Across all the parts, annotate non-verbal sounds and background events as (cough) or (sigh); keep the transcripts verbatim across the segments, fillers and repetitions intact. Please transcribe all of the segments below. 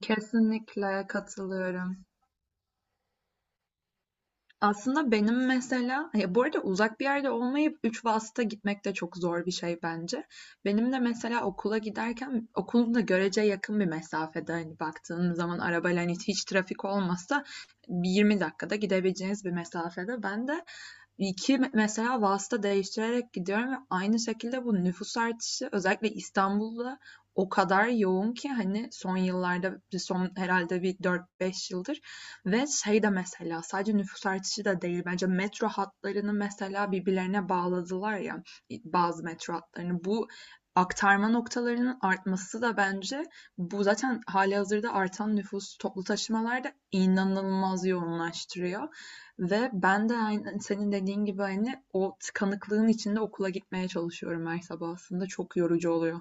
Kesinlikle katılıyorum. Aslında benim mesela, ya, bu arada uzak bir yerde olmayıp üç vasıta gitmek de çok zor bir şey bence. Benim de mesela okula giderken, okulum da görece yakın bir mesafede, hani baktığın zaman arabayla, hani hiç trafik olmasa bir yirmi dakikada gidebileceğiniz bir mesafede. Ben de iki me- mesela vasıta değiştirerek gidiyorum ve aynı şekilde bu nüfus artışı özellikle İstanbul'da o kadar yoğun ki, hani son yıllarda, son herhalde bir dört beş yıldır. Ve şey de, mesela, sadece nüfus artışı da değil bence; metro hatlarını mesela birbirlerine bağladılar ya, bazı metro hatlarını. Bu aktarma noktalarının artması da bence bu zaten halihazırda artan nüfus toplu taşımalarda inanılmaz yoğunlaştırıyor. Ve ben de aynı, senin dediğin gibi, hani o tıkanıklığın içinde okula gitmeye çalışıyorum her sabah, aslında çok yorucu oluyor.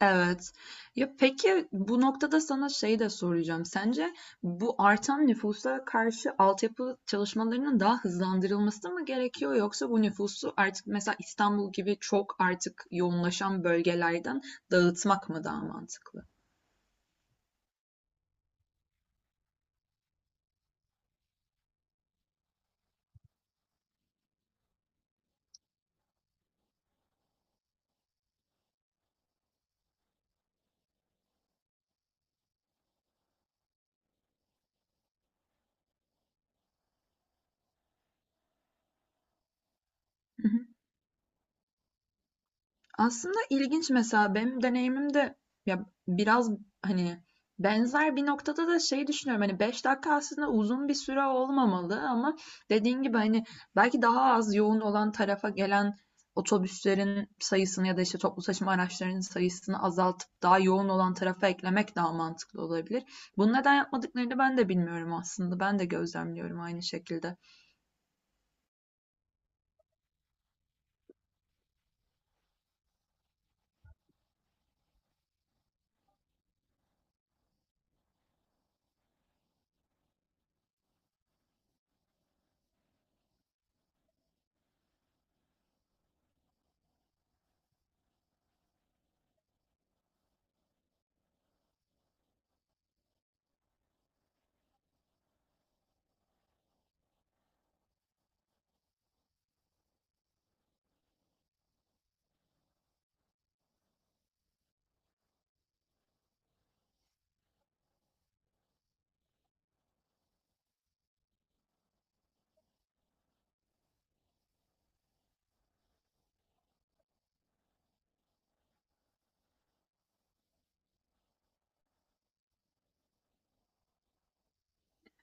Evet. Ya peki, bu noktada sana şey de soracağım. Sence bu artan nüfusa karşı altyapı çalışmalarının daha hızlandırılması mı gerekiyor, yoksa bu nüfusu artık, mesela İstanbul gibi çok artık yoğunlaşan bölgelerden dağıtmak mı daha mantıklı? Aslında ilginç, mesela benim deneyimimde, ya biraz, hani, benzer bir noktada da şey düşünüyorum, hani beş dakika aslında uzun bir süre olmamalı ama, dediğin gibi, hani, belki daha az yoğun olan tarafa gelen otobüslerin sayısını ya da işte toplu taşıma araçlarının sayısını azaltıp daha yoğun olan tarafa eklemek daha mantıklı olabilir. Bunu neden yapmadıklarını ben de bilmiyorum aslında. Ben de gözlemliyorum aynı şekilde.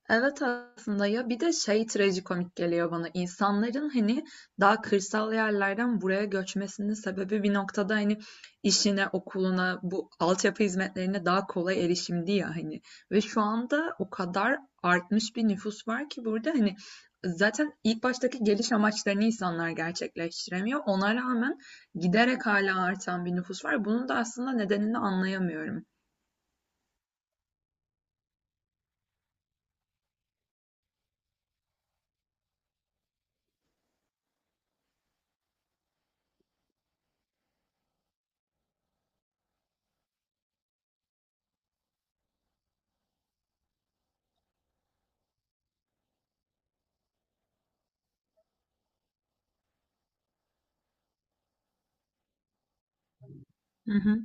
Evet, aslında ya, bir de şey trajikomik geliyor bana. İnsanların hani daha kırsal yerlerden buraya göçmesinin sebebi bir noktada hani işine, okuluna, bu altyapı hizmetlerine daha kolay erişimdi ya, hani. Ve şu anda o kadar artmış bir nüfus var ki burada, hani zaten ilk baştaki geliş amaçlarını insanlar gerçekleştiremiyor. Ona rağmen giderek hala artan bir nüfus var. Bunun da aslında nedenini anlayamıyorum. Hı hı.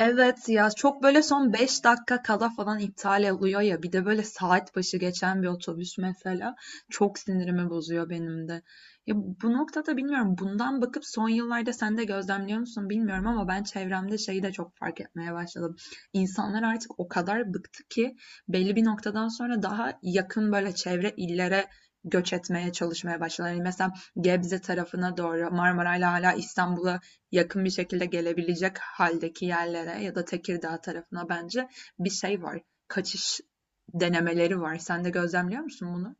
Evet, ya çok böyle son beş dakika kala falan iptal oluyor ya, bir de böyle saat başı geçen bir otobüs mesela çok sinirimi bozuyor benim de. Ya bu noktada bilmiyorum, bundan bakıp son yıllarda sen de gözlemliyor musun bilmiyorum ama, ben çevremde şeyi de çok fark etmeye başladım. İnsanlar artık o kadar bıktı ki belli bir noktadan sonra daha yakın böyle çevre illere göç etmeye çalışmaya başladılar. Yani mesela Gebze tarafına doğru Marmaray'la hala İstanbul'a yakın bir şekilde gelebilecek haldeki yerlere ya da Tekirdağ tarafına, bence bir şey var. Kaçış denemeleri var. Sen de gözlemliyor musun bunu?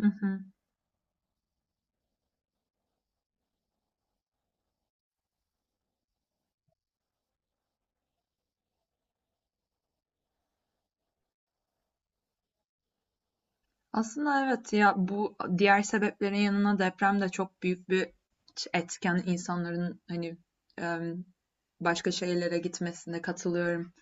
Hı hı. Aslında evet ya, bu diğer sebeplerin yanına deprem de çok büyük bir etken insanların hani, em, başka şehirlere gitmesine katılıyorum.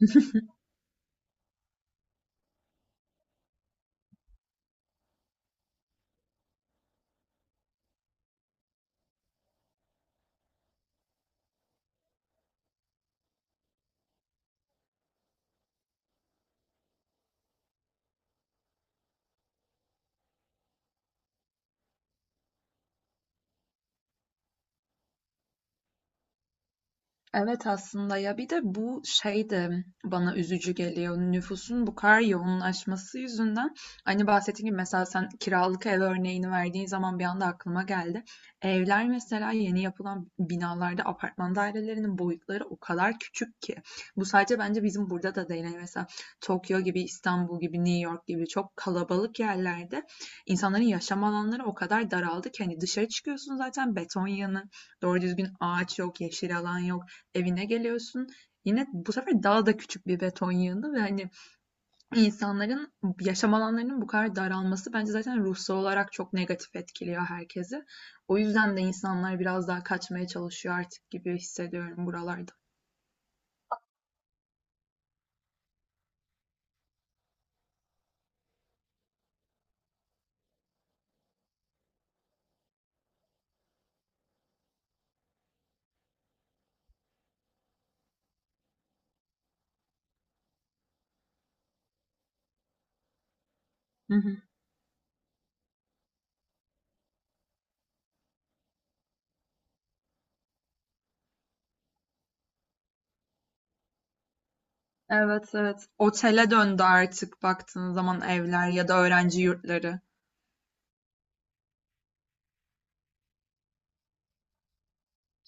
(laughs) Evet aslında ya, bir de bu şey de bana üzücü geliyor. Nüfusun bu kadar yoğunlaşması yüzünden, hani bahsettiğim gibi, mesela sen kiralık ev örneğini verdiğin zaman bir anda aklıma geldi. Evler mesela yeni yapılan binalarda apartman dairelerinin boyutları o kadar küçük ki. Bu sadece bence bizim burada da değil. Yani mesela Tokyo gibi, İstanbul gibi, New York gibi çok kalabalık yerlerde insanların yaşam alanları o kadar daraldı ki, hani dışarı çıkıyorsun, zaten beton yığını, doğru düzgün ağaç yok, yeşil alan yok, evine geliyorsun. Yine bu sefer daha da küçük bir beton yığını ve hani insanların yaşam alanlarının bu kadar daralması bence zaten ruhsal olarak çok negatif etkiliyor herkesi. O yüzden de insanlar biraz daha kaçmaya çalışıyor artık gibi hissediyorum buralarda. Evet, evet. Otele döndü artık baktığın zaman evler ya da öğrenci yurtları.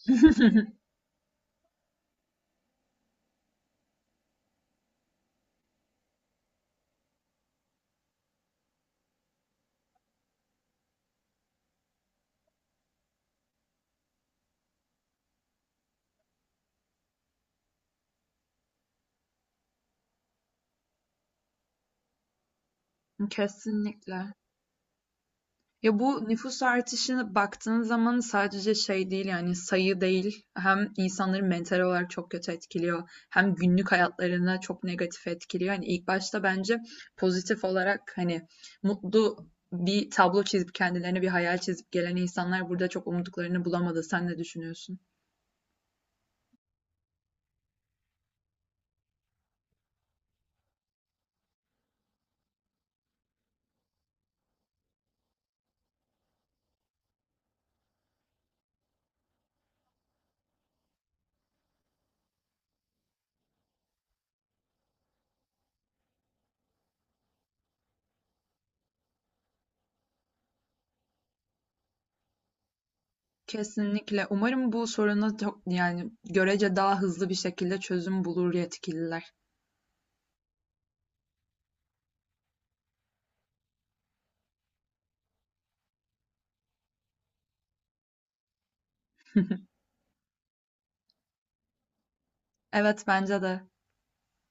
(laughs) Kesinlikle. Ya bu nüfus artışına baktığın zaman sadece şey değil, yani sayı değil; hem insanları mental olarak çok kötü etkiliyor, hem günlük hayatlarına çok negatif etkiliyor. Hani ilk başta bence pozitif olarak, hani mutlu bir tablo çizip kendilerine bir hayal çizip gelen insanlar burada çok umduklarını bulamadı. Sen ne düşünüyorsun? Kesinlikle. Umarım bu soruna çok, yani görece daha hızlı bir şekilde çözüm bulur yetkililer. (laughs) Evet, bence de.